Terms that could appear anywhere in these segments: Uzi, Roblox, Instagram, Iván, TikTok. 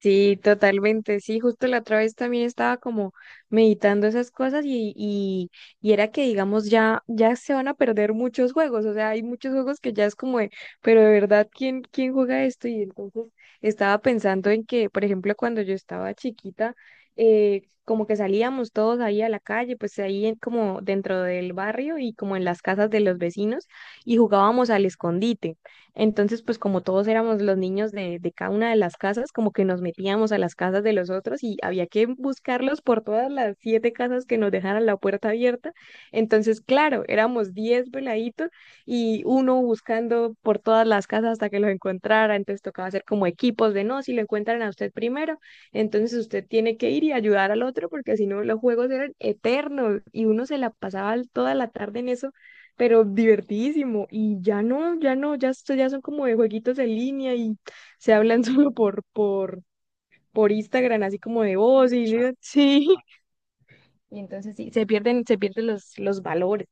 Sí, totalmente, sí, justo la otra vez también estaba como meditando esas cosas y era que digamos ya se van a perder muchos juegos, o sea, hay muchos juegos que ya es como de, pero de verdad, ¿quién juega esto? Y entonces estaba pensando en que, por ejemplo, cuando yo estaba chiquita, como que salíamos todos ahí a la calle, pues ahí como dentro del barrio y como en las casas de los vecinos y jugábamos al escondite. Entonces, pues como todos éramos los niños de cada una de las casas, como que nos metíamos a las casas de los otros y había que buscarlos por todas las 7 casas que nos dejaran la puerta abierta. Entonces, claro, éramos 10 veladitos y uno buscando por todas las casas hasta que los encontrara. Entonces tocaba hacer como equipos de no, si lo encuentran a usted primero, entonces usted tiene que ir y ayudar al otro porque si no los juegos eran eternos y uno se la pasaba toda la tarde en eso, pero divertidísimo. Y ya no, ya no, ya, esto ya son como de jueguitos en línea y se hablan solo por Instagram, así como de voz y yo, sí. Y entonces sí, se pierden los valores.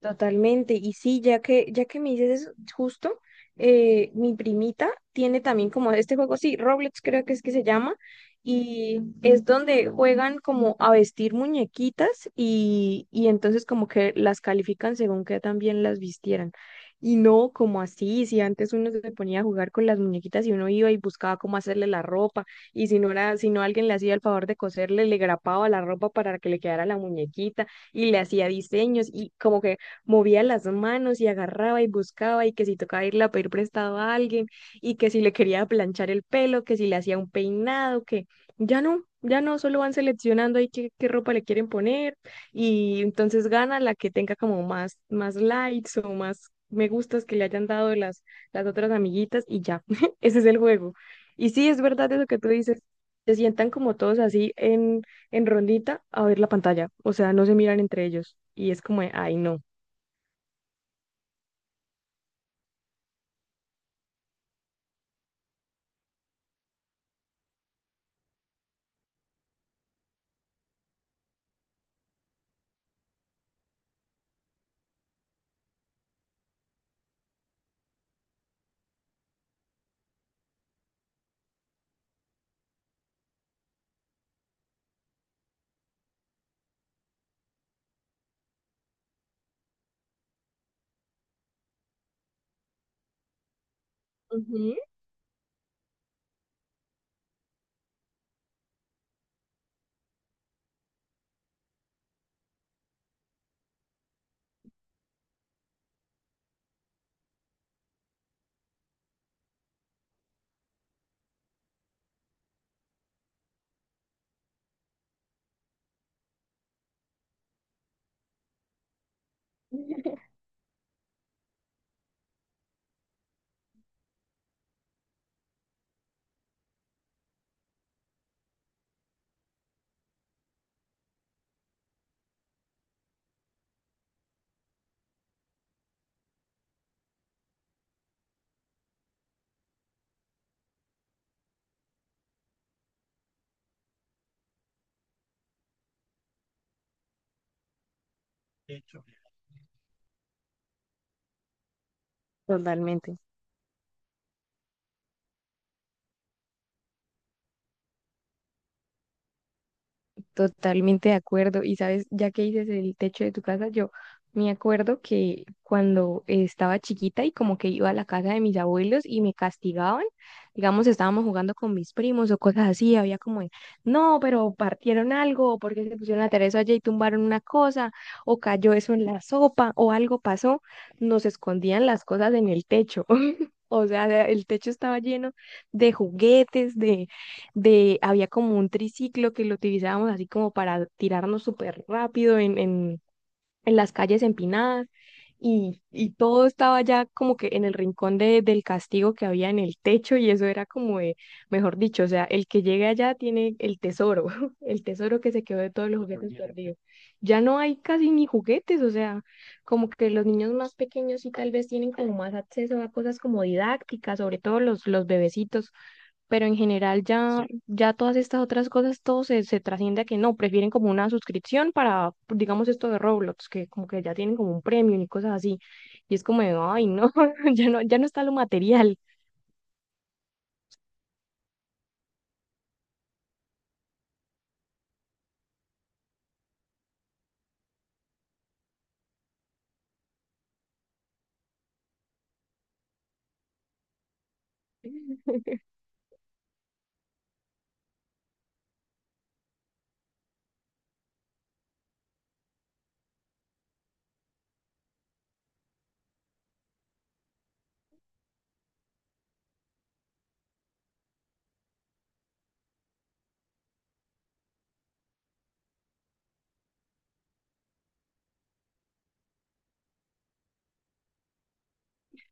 Totalmente. Y sí, ya que me dices eso, justo, mi primita tiene también como este juego, sí, Roblox creo que es que se llama, y es donde juegan como a vestir muñequitas y entonces como que las califican según que también las vistieran. Y no como así, si antes uno se ponía a jugar con las muñequitas y uno iba y buscaba cómo hacerle la ropa, y si no alguien le hacía el favor de coserle, le grapaba la ropa para que le quedara la muñequita y le hacía diseños y como que movía las manos y agarraba y buscaba y que si tocaba irle a pedir prestado a alguien y que si le quería planchar el pelo, que si le hacía un peinado, que ya no, ya no, solo van seleccionando ahí qué ropa le quieren poner y entonces gana la que tenga como más likes o más me gustas que le hayan dado las otras amiguitas y ya, ese es el juego. Y sí, es verdad eso que tú dices, se sientan como todos así en rondita a ver la pantalla, o sea, no se miran entre ellos y es como, de, ay, no. Ujú. Totalmente, totalmente de acuerdo. Y sabes, ya que dices el techo de tu casa, yo me acuerdo que cuando estaba chiquita y como que iba a la casa de mis abuelos y me castigaban, digamos, estábamos jugando con mis primos o cosas así, había como, de, no, pero partieron algo, porque se pusieron a tarea eso allá y tumbaron una cosa, o cayó eso en la sopa, o algo pasó, nos escondían las cosas en el techo. O sea, el techo estaba lleno de juguetes, de, había como un triciclo que lo utilizábamos así como para tirarnos súper rápido en las calles empinadas y todo estaba ya como que en el rincón de, del castigo que había en el techo y eso era como de, mejor dicho, o sea, el que llegue allá tiene el tesoro, el tesoro que se quedó de todos los juguetes perdidos. Ya no hay casi ni juguetes, o sea, como que los niños más pequeños sí tal vez tienen como más acceso a cosas como didácticas, sobre todo los bebecitos, pero en general ya todas estas otras cosas, todo se trasciende a que no, prefieren como una suscripción para, digamos, esto de Roblox, que como que ya tienen como un premium y cosas así. Y es como, de, ay, no, ya no, ya no está lo material.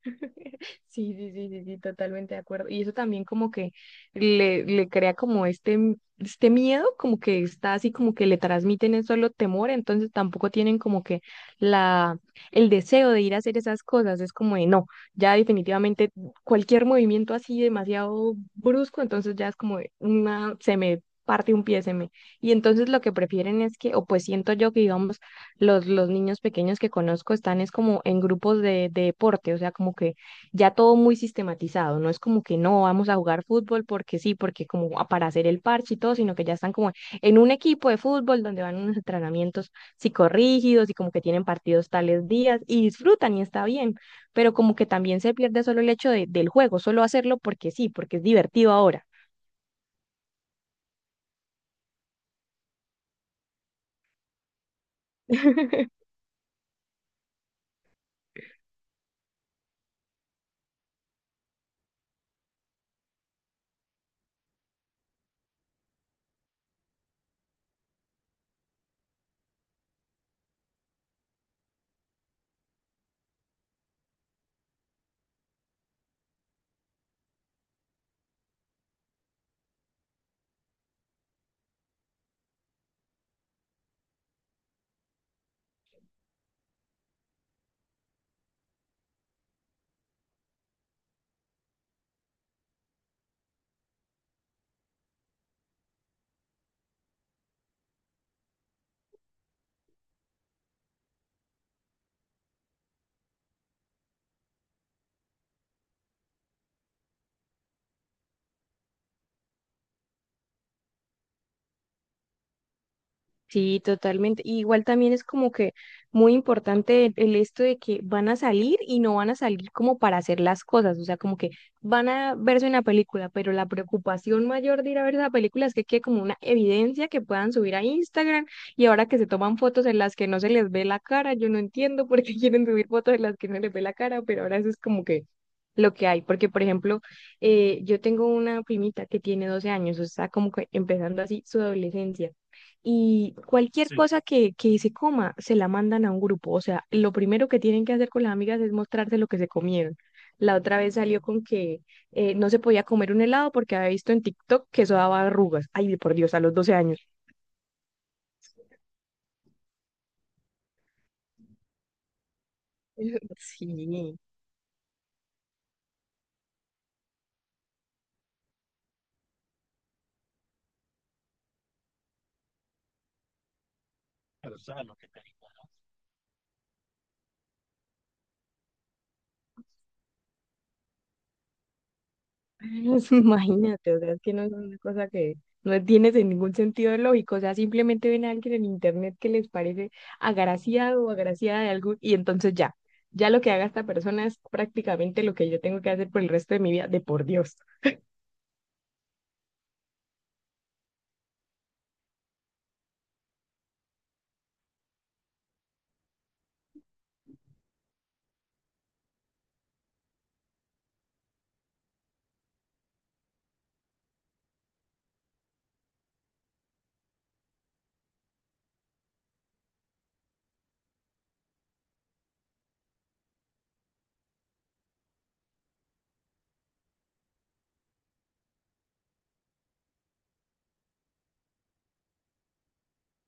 Sí, sí, sí, sí, sí, totalmente de acuerdo. Y eso también como que le crea como este, este miedo, como que está así, como que le transmiten es solo temor, entonces tampoco tienen como que la, el deseo de ir a hacer esas cosas. Es como de no, ya definitivamente cualquier movimiento así demasiado brusco, entonces ya es como de una, se me parte un pie, se me. Y entonces lo que prefieren es que, o pues siento yo que digamos, los niños pequeños que conozco están es como en grupos de deporte, o sea, como que ya todo muy sistematizado, no es como que no vamos a jugar fútbol porque sí, porque como para hacer el parche y todo, sino que ya están como en un equipo de fútbol donde van unos entrenamientos psicorrígidos y como que tienen partidos tales días y disfrutan y está bien, pero como que también se pierde solo el hecho del juego, solo hacerlo porque sí, porque es divertido ahora. Sí, totalmente. Y igual también es como que muy importante el esto de que van a salir y no van a salir como para hacer las cosas, o sea, como que van a verse una película, pero la preocupación mayor de ir a ver esa película es que quede como una evidencia que puedan subir a Instagram y ahora que se toman fotos en las que no se les ve la cara, yo no entiendo por qué quieren subir fotos en las que no les ve la cara, pero ahora eso es como que lo que hay, porque por ejemplo, yo tengo una primita que tiene 12 años, o sea, como que empezando así su adolescencia y cualquier Sí. cosa que se coma se la mandan a un grupo. O sea, lo primero que tienen que hacer con las amigas es mostrarse lo que se comieron. La otra vez salió con que no se podía comer un helado porque había visto en TikTok que eso daba arrugas. Ay, por Dios, a los 12 años. Sí. Imagínate, o sea, es que no es una cosa que no tiene de ningún sentido lógico, o sea, simplemente ven a alguien en internet que les parece agraciado o agraciada de algo y entonces ya, ya lo que haga esta persona es prácticamente lo que yo tengo que hacer por el resto de mi vida, de por Dios.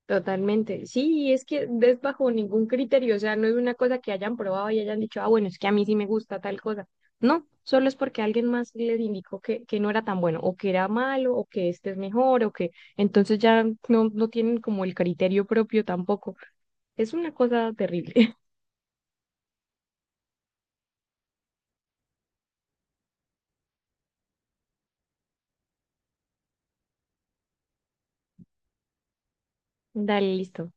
Totalmente. Sí, y es que es bajo ningún criterio, o sea, no es una cosa que hayan probado y hayan dicho, ah, bueno, es que a mí sí me gusta tal cosa. No, solo es porque alguien más les indicó que no era tan bueno, o que era malo, o que este es mejor, o que entonces ya no, no tienen como el criterio propio tampoco. Es una cosa terrible. Dale, listo.